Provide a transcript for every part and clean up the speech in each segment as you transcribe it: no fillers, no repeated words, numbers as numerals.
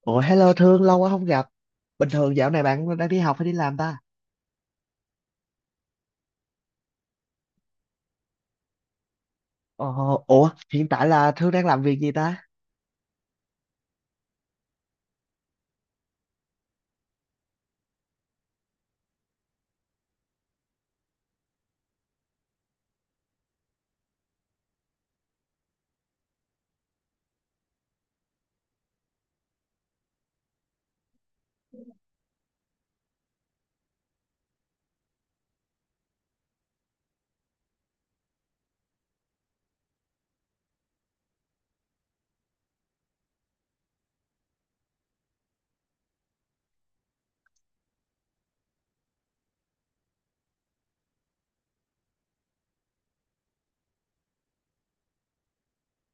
Ủa, hello Thương, lâu quá không gặp. Bình thường dạo này bạn đang đi học hay đi làm ta? Ờ. Ủa, hiện tại là Thương đang làm việc gì ta?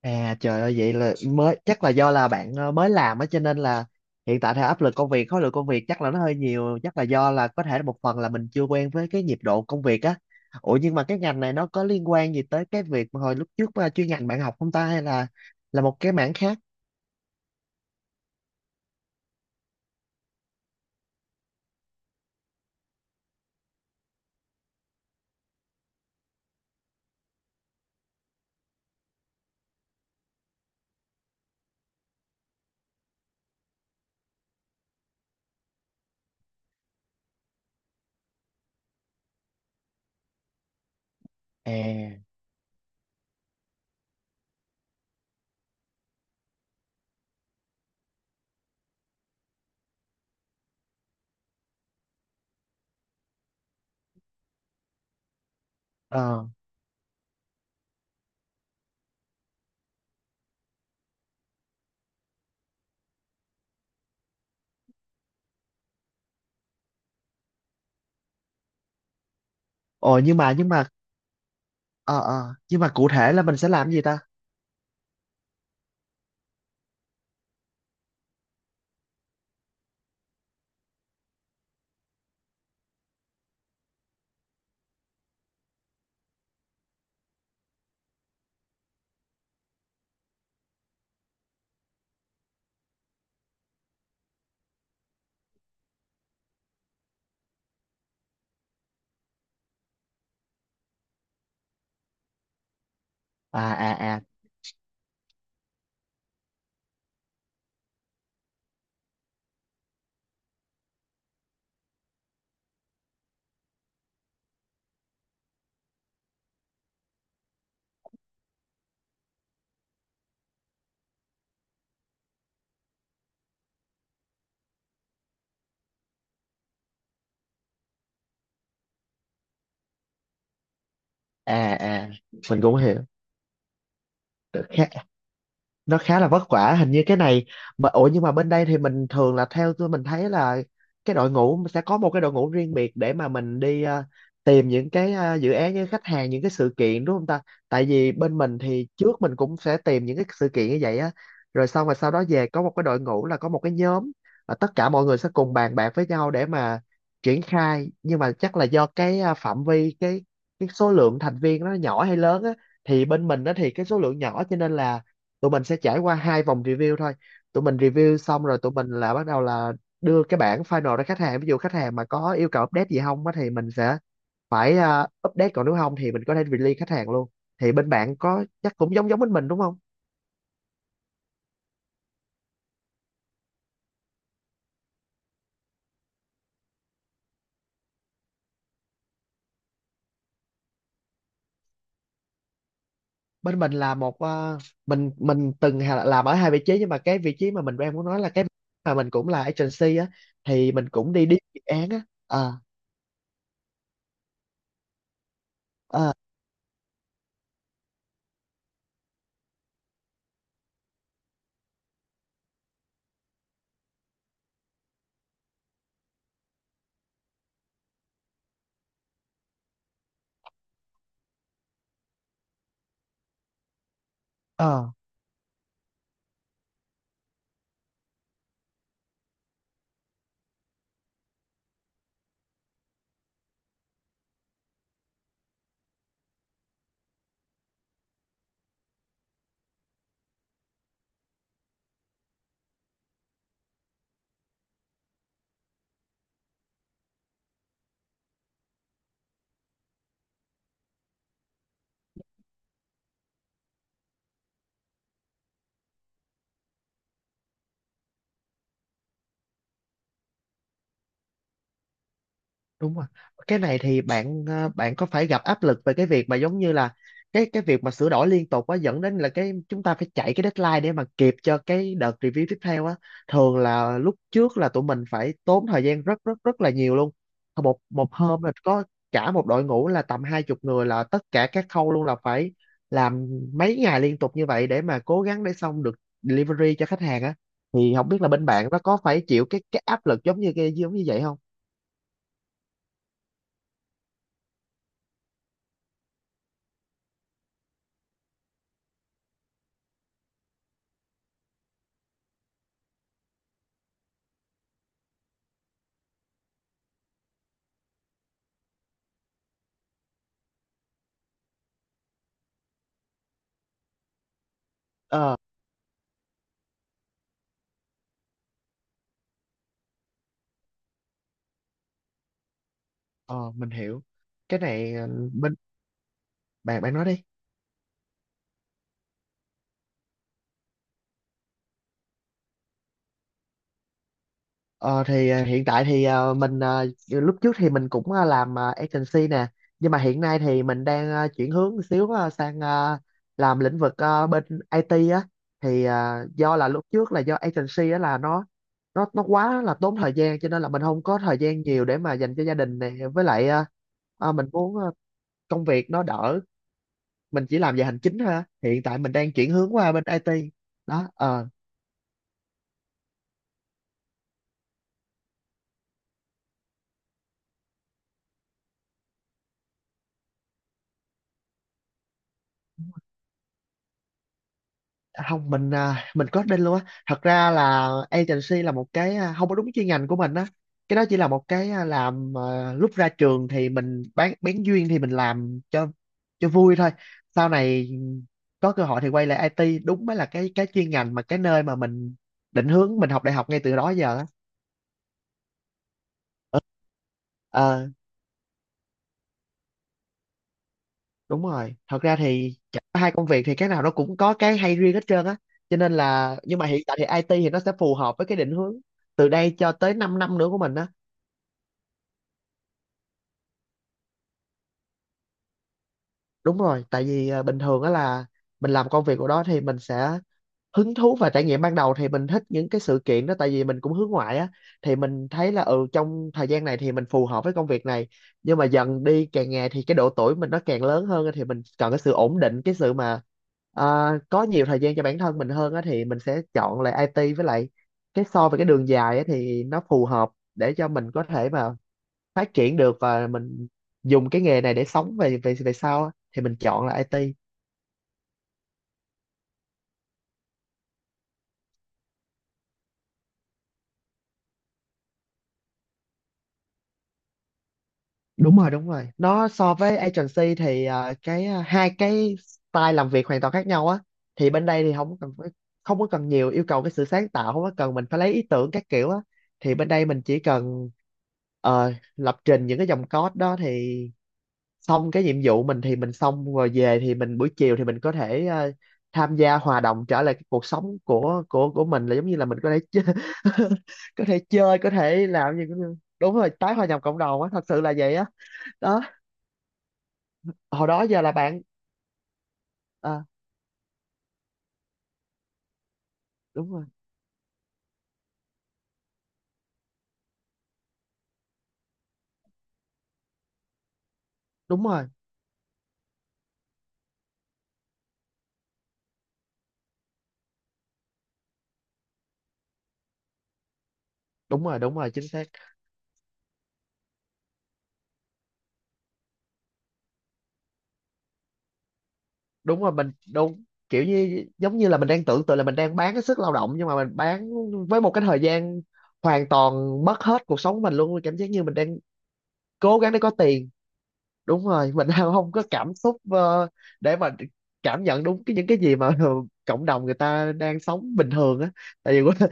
À, trời ơi, vậy là mới chắc là do là bạn mới làm á, cho nên là hiện tại theo áp lực công việc, khối lượng công việc chắc là nó hơi nhiều, chắc là do là có thể là một phần là mình chưa quen với cái nhịp độ công việc á. Ủa, nhưng mà cái ngành này nó có liên quan gì tới cái việc mà hồi lúc trước mà chuyên ngành bạn học không ta, hay là một cái mảng khác? À, ờ. Ồ, nhưng mà cụ thể là mình sẽ làm gì ta? À à à à à, mình cũng hiểu. khá nó khá là vất vả hình như cái này. Mà nhưng mà bên đây thì mình thường là, theo tôi mình thấy là cái đội ngũ sẽ có một cái đội ngũ riêng biệt để mà mình đi tìm những cái dự án, những khách hàng, những cái sự kiện, đúng không ta? Tại vì bên mình thì trước mình cũng sẽ tìm những cái sự kiện như vậy á, rồi xong rồi sau đó về có một cái đội ngũ là có một cái nhóm, và tất cả mọi người sẽ cùng bàn bạc với nhau để mà triển khai. Nhưng mà chắc là do cái phạm vi cái số lượng thành viên nó nhỏ hay lớn á, thì bên mình đó thì cái số lượng nhỏ, cho nên là tụi mình sẽ trải qua hai vòng review thôi. Tụi mình review xong rồi tụi mình là bắt đầu là đưa cái bản final ra khách hàng, ví dụ khách hàng mà có yêu cầu update gì không á thì mình sẽ phải update, còn nếu không thì mình có thể release khách hàng luôn. Thì bên bạn có chắc cũng giống giống bên mình đúng không? Bên mình là một ờ, mình từng làm ở hai vị trí, nhưng mà cái vị trí mà mình đang muốn nói là cái mà mình cũng là agency á, thì mình cũng đi đi dự án á. Ờ. Ờ. Ờ, đúng rồi. Cái này thì bạn ờ, bạn có phải gặp áp lực về cái việc mà giống như là cái việc mà sửa đổi liên tục á dẫn đến là cái chúng ta phải chạy cái deadline để mà kịp cho cái đợt review tiếp theo á thường là lúc trước là tụi mình phải tốn thời gian rất rất rất là nhiều luôn một một hôm là có cả một đội ngũ là tầm hai chục người là tất cả các khâu luôn là phải làm mấy ngày liên tục như vậy để mà cố gắng để xong được delivery cho khách hàng á thì không biết là bên bạn nó có phải chịu cái áp lực giống như cái giống như vậy không Ờ Ờ, mình hiểu. Cái này ờ, bên bạn, bạn nói đi. Ờ thì hiện tại thì mình lúc trước thì mình cũng làm agency nè, nhưng mà hiện nay thì mình đang chuyển hướng một xíu sang làm lĩnh vực bên IT á. Thì do là lúc trước là do agency á là nó quá là tốn thời gian, cho nên là mình không có thời gian nhiều để mà dành cho gia đình này, với lại mình muốn công việc nó đỡ, mình chỉ làm về hành chính thôi á. Hiện tại mình đang chuyển hướng qua bên IT. Đó. Ờ. À, không, mình coding luôn á. Thật ra là agency là một cái không có đúng chuyên ngành của mình á, cái đó chỉ là một cái làm lúc ra trường thì mình bán duyên thì mình làm cho vui thôi. Sau này có cơ hội thì quay lại IT đúng mới là cái chuyên ngành mà cái nơi mà mình định hướng mình học đại học ngay từ đó giờ á. Ờ, đúng rồi, thật ra thì hai công việc thì cái nào nó cũng có cái hay riêng hết trơn á, cho nên là nhưng mà hiện tại thì IT thì nó sẽ phù hợp với cái định hướng từ đây cho tới 5 năm nữa của mình á. Đúng rồi, tại vì bình thường á là mình làm công việc của đó thì mình sẽ hứng thú, và trải nghiệm ban đầu thì mình thích những cái sự kiện đó tại vì mình cũng hướng ngoại á, thì mình thấy là ừ trong thời gian này thì mình phù hợp với công việc này. Nhưng mà dần đi càng ngày thì cái độ tuổi mình nó càng lớn hơn á, thì mình cần cái sự ổn định, cái sự mà à, có nhiều thời gian cho bản thân mình hơn á, thì mình sẽ chọn lại IT. Với lại cái so với cái đường dài á thì nó phù hợp để cho mình có thể mà phát triển được, và mình dùng cái nghề này để sống về về về sau á, thì mình chọn là IT. Đúng rồi nó so với agency thì cái hai cái style làm việc hoàn toàn khác nhau á. Thì bên đây thì không có cần nhiều yêu cầu cái sự sáng tạo, không có cần mình phải lấy ý tưởng các kiểu á, thì bên đây mình chỉ cần lập trình những cái dòng code đó thì xong. Cái nhiệm vụ mình thì mình xong rồi về thì mình buổi chiều thì mình có thể tham gia hòa đồng trở lại cái cuộc sống của mình, là giống như là mình có thể chơi, có thể chơi, có thể làm gì cũng được. Đúng rồi, tái hòa nhập cộng đồng á, thật sự là vậy á. Đó. Hồi đó giờ là bạn à, đúng rồi, đúng rồi chính xác. Đúng rồi, mình đúng kiểu như giống như là mình đang tưởng tượng là mình đang bán cái sức lao động, nhưng mà mình bán với một cái thời gian hoàn toàn mất hết cuộc sống mình luôn, cảm giác như mình đang cố gắng để có tiền. Đúng rồi, mình đang không có cảm xúc để mà cảm nhận đúng cái những cái gì mà cộng đồng người ta đang sống bình thường á. Tại vì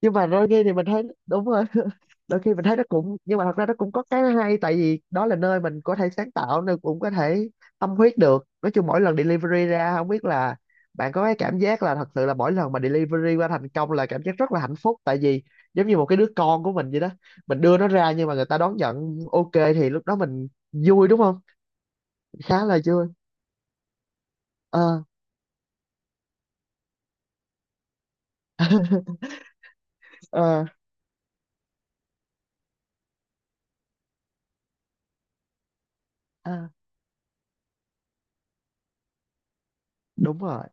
nhưng mà đôi khi thì mình thấy đúng rồi, đôi khi mình thấy nó cũng nhưng mà thật ra nó cũng có cái hay, tại vì đó là nơi mình có thể sáng tạo nên, cũng có thể tâm huyết được. Nói chung mỗi lần delivery ra không biết là bạn có cái cảm giác, là thật sự là mỗi lần mà delivery qua thành công là cảm giác rất là hạnh phúc, tại vì giống như một cái đứa con của mình vậy đó, mình đưa nó ra nhưng mà người ta đón nhận ok, thì lúc đó mình vui đúng không? Khá là vui. Ờ. Ờ. Ờ, đúng rồi.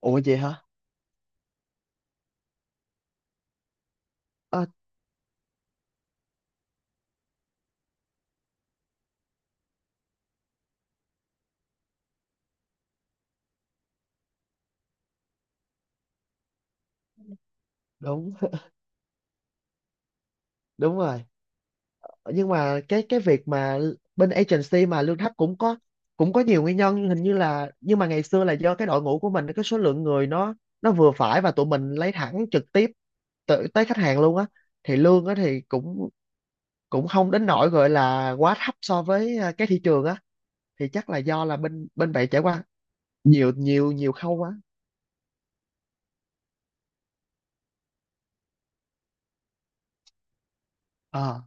Ủa vậy hả? Ờ, đúng. Đúng rồi, nhưng mà cái việc mà bên agency mà lương thấp cũng có, cũng có nhiều nguyên nhân hình như là. Nhưng mà ngày xưa là do cái đội ngũ của mình cái số lượng người nó vừa phải, và tụi mình lấy thẳng trực tiếp tới, tới khách hàng luôn á, thì lương á thì cũng cũng không đến nỗi gọi là quá thấp so với cái thị trường á. Thì chắc là do là bên bên bạn trải qua nhiều nhiều nhiều khâu quá. Ờ.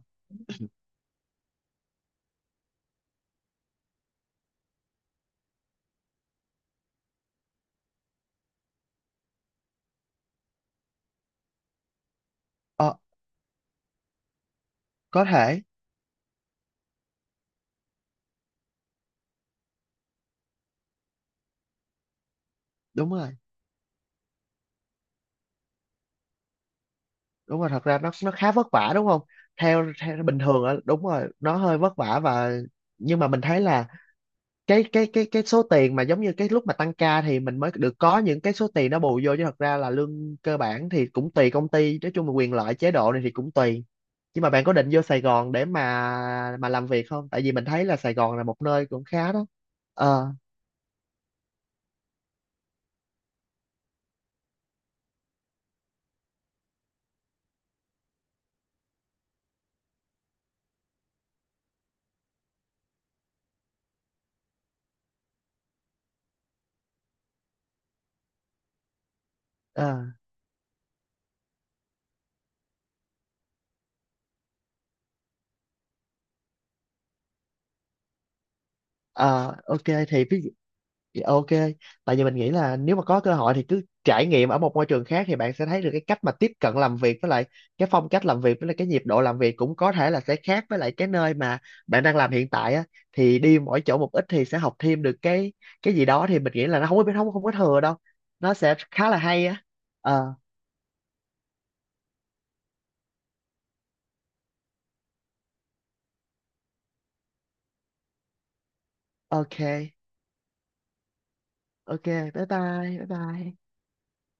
Ờ, có thể. Đúng rồi, đúng rồi, thật ra nó khá vất vả đúng không? Theo, theo bình thường á, đúng rồi, nó hơi vất vả. Và nhưng mà mình thấy là cái số tiền mà giống như cái lúc mà tăng ca thì mình mới được có những cái số tiền nó bù vô, chứ thật ra là lương cơ bản thì cũng tùy công ty, nói chung là quyền lợi chế độ này thì cũng tùy. Nhưng mà bạn có định vô Sài Gòn để mà làm việc không, tại vì mình thấy là Sài Gòn là một nơi cũng khá đó. Ờ. Ờ. Ờ, ok, thì ví. Dạ, ok, tại vì mình nghĩ là nếu mà có cơ hội thì cứ trải nghiệm ở một môi trường khác, thì bạn sẽ thấy được cái cách mà tiếp cận làm việc, với lại cái phong cách làm việc, với lại cái nhịp độ làm việc cũng có thể là sẽ khác với lại cái nơi mà bạn đang làm hiện tại á. Thì đi mỗi chỗ một ít thì sẽ học thêm được cái gì đó, thì mình nghĩ là nó không có không không có thừa đâu, nó sẽ khá là hay á. Ờ. Ok. Ok, bye bye. Bye bye.